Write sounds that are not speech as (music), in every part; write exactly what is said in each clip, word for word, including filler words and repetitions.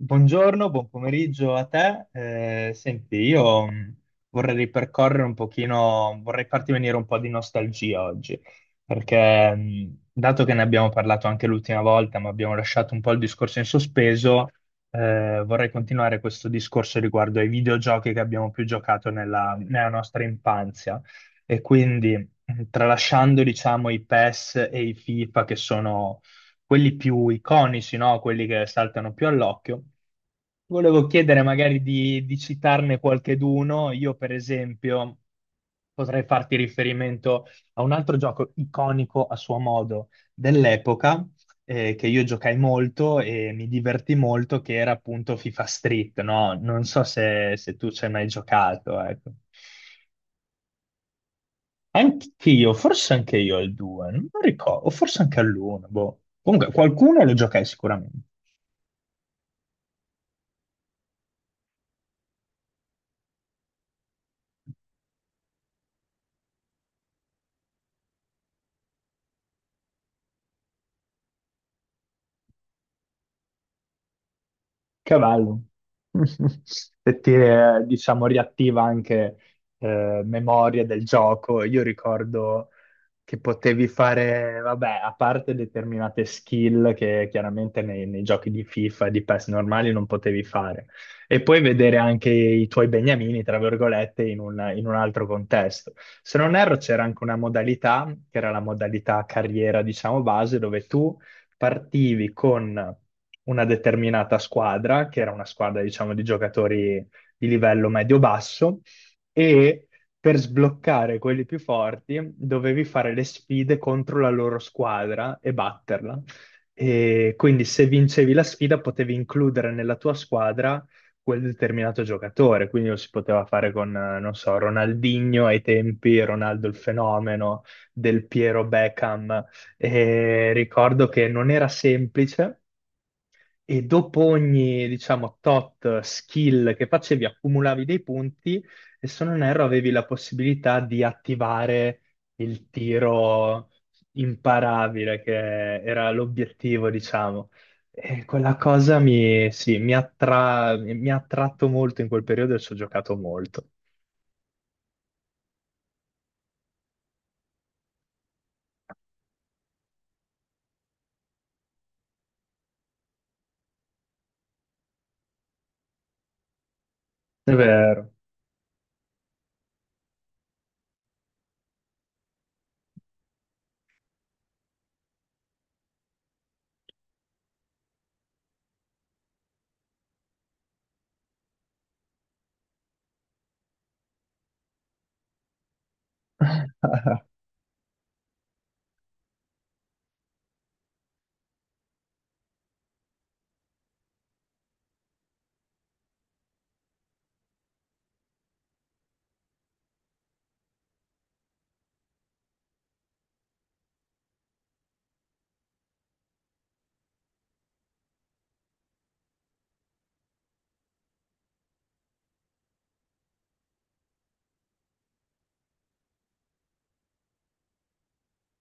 Buongiorno, buon pomeriggio a te. Eh, senti, io mh, vorrei ripercorrere un pochino, vorrei farti venire un po' di nostalgia oggi, perché mh, dato che ne abbiamo parlato anche l'ultima volta, ma abbiamo lasciato un po' il discorso in sospeso, eh, vorrei continuare questo discorso riguardo ai videogiochi che abbiamo più giocato nella, nella nostra infanzia. E quindi, mh, tralasciando, diciamo, i PES e i FIFA, che sono quelli più iconici, no? Quelli che saltano più all'occhio. Volevo chiedere magari di, di citarne qualcheduno. Io, per esempio, potrei farti riferimento a un altro gioco iconico a suo modo dell'epoca, eh, che io giocai molto e mi divertì molto, che era appunto FIFA Street, no? Non so se, se tu ci hai mai giocato, ecco. Anch'io, forse anche io al due, non ricordo, o forse anche all'uno, boh. Comunque qualcuno lo giocai sicuramente. Cavallo. (laughs) E ti, eh, diciamo, riattiva anche eh, memorie del gioco. Io ricordo che potevi fare, vabbè, a parte determinate skill che chiaramente nei, nei giochi di FIFA e di PES normali non potevi fare. E poi vedere anche i tuoi beniamini, tra virgolette, in un, in un altro contesto. Se non erro, c'era anche una modalità, che era la modalità carriera, diciamo, base, dove tu partivi con una determinata squadra, che era una squadra, diciamo, di giocatori di livello medio-basso, e per sbloccare quelli più forti dovevi fare le sfide contro la loro squadra e batterla. E quindi se vincevi la sfida potevi includere nella tua squadra quel determinato giocatore, quindi lo si poteva fare con, eh, non so, Ronaldinho ai tempi, Ronaldo il fenomeno, Del Piero, Beckham, e ricordo che non era semplice e dopo ogni, diciamo, tot skill che facevi accumulavi dei punti e se non erro avevi la possibilità di attivare il tiro imparabile, che era l'obiettivo, diciamo. E quella cosa mi, sì, mi attra- mi ha attratto molto in quel periodo e ci ho giocato molto. È vero. (laughs)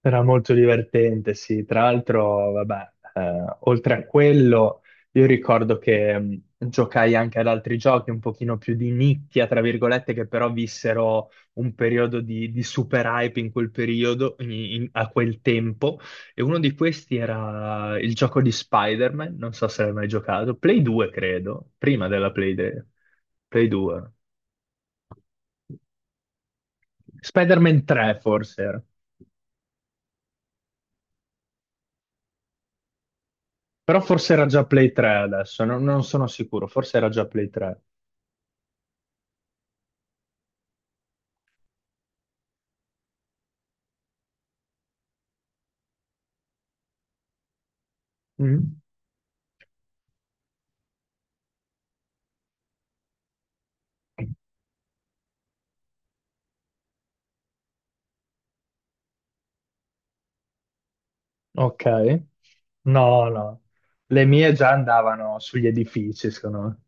Era molto divertente, sì. Tra l'altro, vabbè, eh, oltre a quello, io ricordo che mh, giocai anche ad altri giochi un pochino più di nicchia, tra virgolette, che però vissero un periodo di, di super hype in quel periodo, in- in- a quel tempo. E uno di questi era il gioco di Spider-Man, non so se l'hai mai giocato, Play due, credo, prima della Play, de- Play due. Spider-Man tre, forse era. Però forse era già Play tre adesso, non, non sono sicuro, forse era già Play tre. Mm? Ok. No, no. Le mie già andavano sugli edifici, secondo me.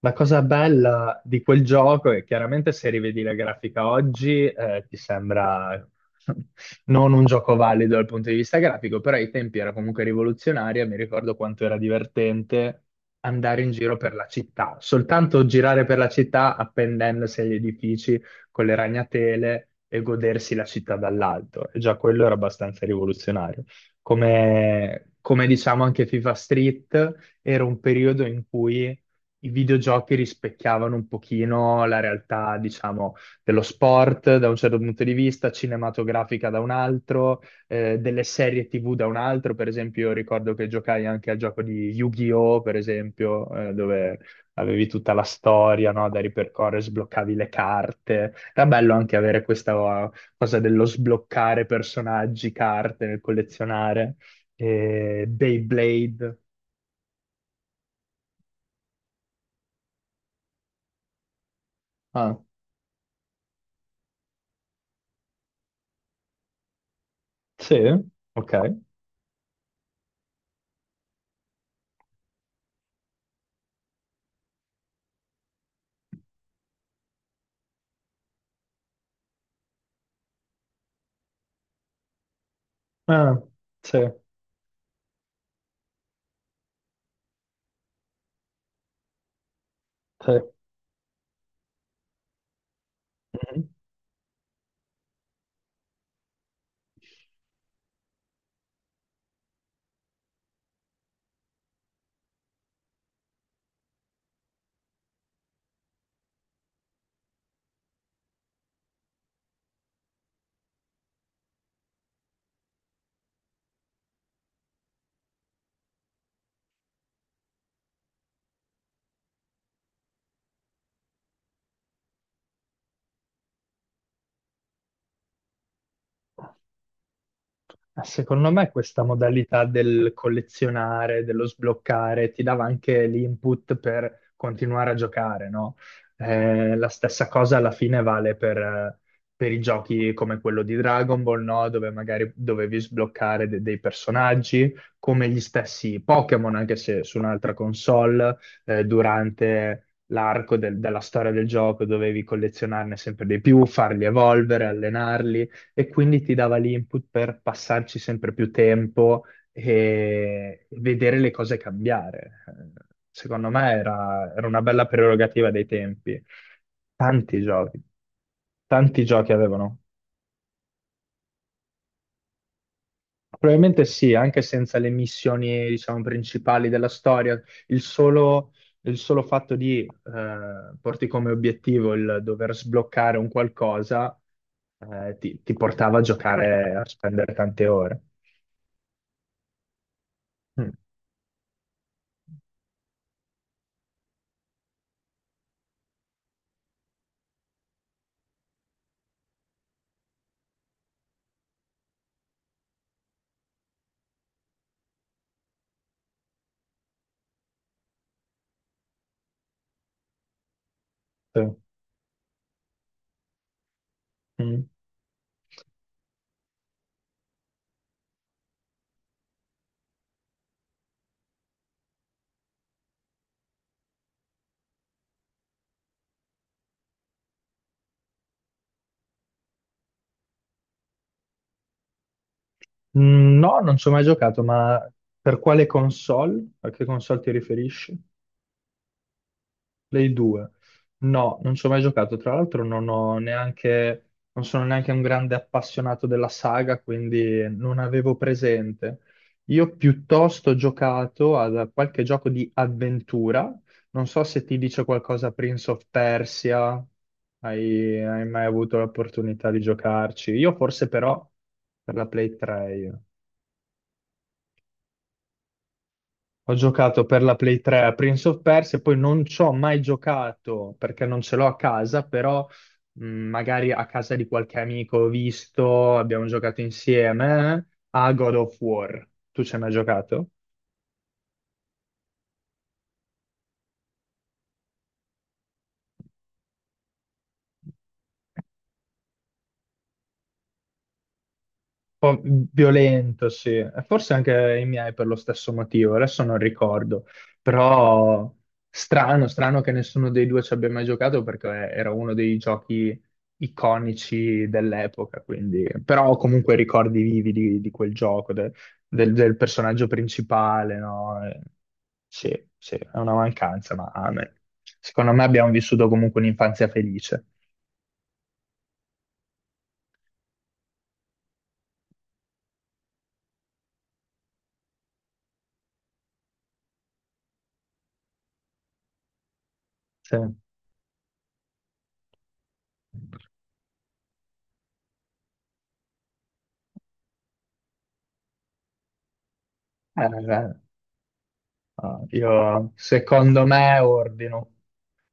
La cosa bella di quel gioco è chiaramente se rivedi la grafica oggi, eh, ti sembra (laughs) non un gioco valido dal punto di vista grafico, però ai tempi era comunque rivoluzionaria. Mi ricordo quanto era divertente andare in giro per la città, soltanto girare per la città appendendosi agli edifici con le ragnatele e godersi la città dall'alto. E già quello era abbastanza rivoluzionario. Come, come diciamo anche FIFA Street, era un periodo in cui i videogiochi rispecchiavano un pochino la realtà, diciamo, dello sport da un certo punto di vista, cinematografica da un altro, eh, delle serie tivù da un altro. Per esempio, io ricordo che giocai anche al gioco di Yu-Gi-Oh!, per esempio, eh, dove avevi tutta la storia, no, da ripercorrere, sbloccavi le carte. Era bello anche avere questa eh, cosa dello sbloccare personaggi, carte, nel collezionare. Eh, Beyblade. Ah, sì, ok. Ah, sì, sì. Mhm. Secondo me questa modalità del collezionare, dello sbloccare, ti dava anche l'input per continuare a giocare, no? Eh, la stessa cosa alla fine vale per, eh, per i giochi come quello di Dragon Ball, no? Dove magari dovevi sbloccare de- dei personaggi, come gli stessi Pokémon, anche se su un'altra console, eh, durante l'arco del- della storia del gioco dovevi collezionarne sempre di più, farli evolvere, allenarli, e quindi ti dava l'input per passarci sempre più tempo e vedere le cose cambiare. Eh, Secondo me era, era una bella prerogativa dei tempi. Tanti giochi, tanti giochi avevano. Probabilmente sì, anche senza le missioni, diciamo, principali della storia, il solo, il solo fatto di eh, porti come obiettivo il dover sbloccare un qualcosa eh, ti, ti portava a giocare, a spendere tante ore. Mm. Sì. Mm. Mm, no, non ci ho mai giocato, ma per quale console? A che console ti riferisci? Play due. No, non ci ho mai giocato. Tra l'altro non ho neanche, non sono neanche un grande appassionato della saga, quindi non avevo presente. Io piuttosto ho giocato a qualche gioco di avventura. Non so se ti dice qualcosa Prince of Persia. Hai, hai mai avuto l'opportunità di giocarci? Io forse però per la Play tre, io ho giocato per la Play tre a Prince of Persia, poi non ci ho mai giocato perché non ce l'ho a casa, però mh, magari a casa di qualche amico ho visto, abbiamo giocato insieme eh, a God of War. Tu ci hai mai giocato? Po' violento, sì. E forse anche i miei per lo stesso motivo, adesso non ricordo, però strano, strano che nessuno dei due ci abbia mai giocato perché era uno dei giochi iconici dell'epoca, quindi, però ho comunque ricordi vivi di, di quel gioco, de- del, del personaggio principale, no? E- Sì, sì, è una mancanza, ma ah, beh, secondo me abbiamo vissuto comunque un'infanzia felice. Sì. Eh, eh. Ah, io secondo me ordino,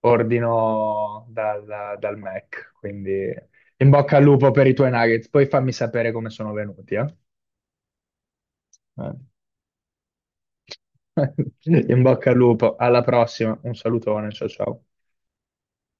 ordino dal, dal Mac, quindi in bocca al lupo per i tuoi nuggets, poi fammi sapere come sono venuti, eh? Eh. (laughs) In bocca al lupo, alla prossima, un salutone, ciao ciao.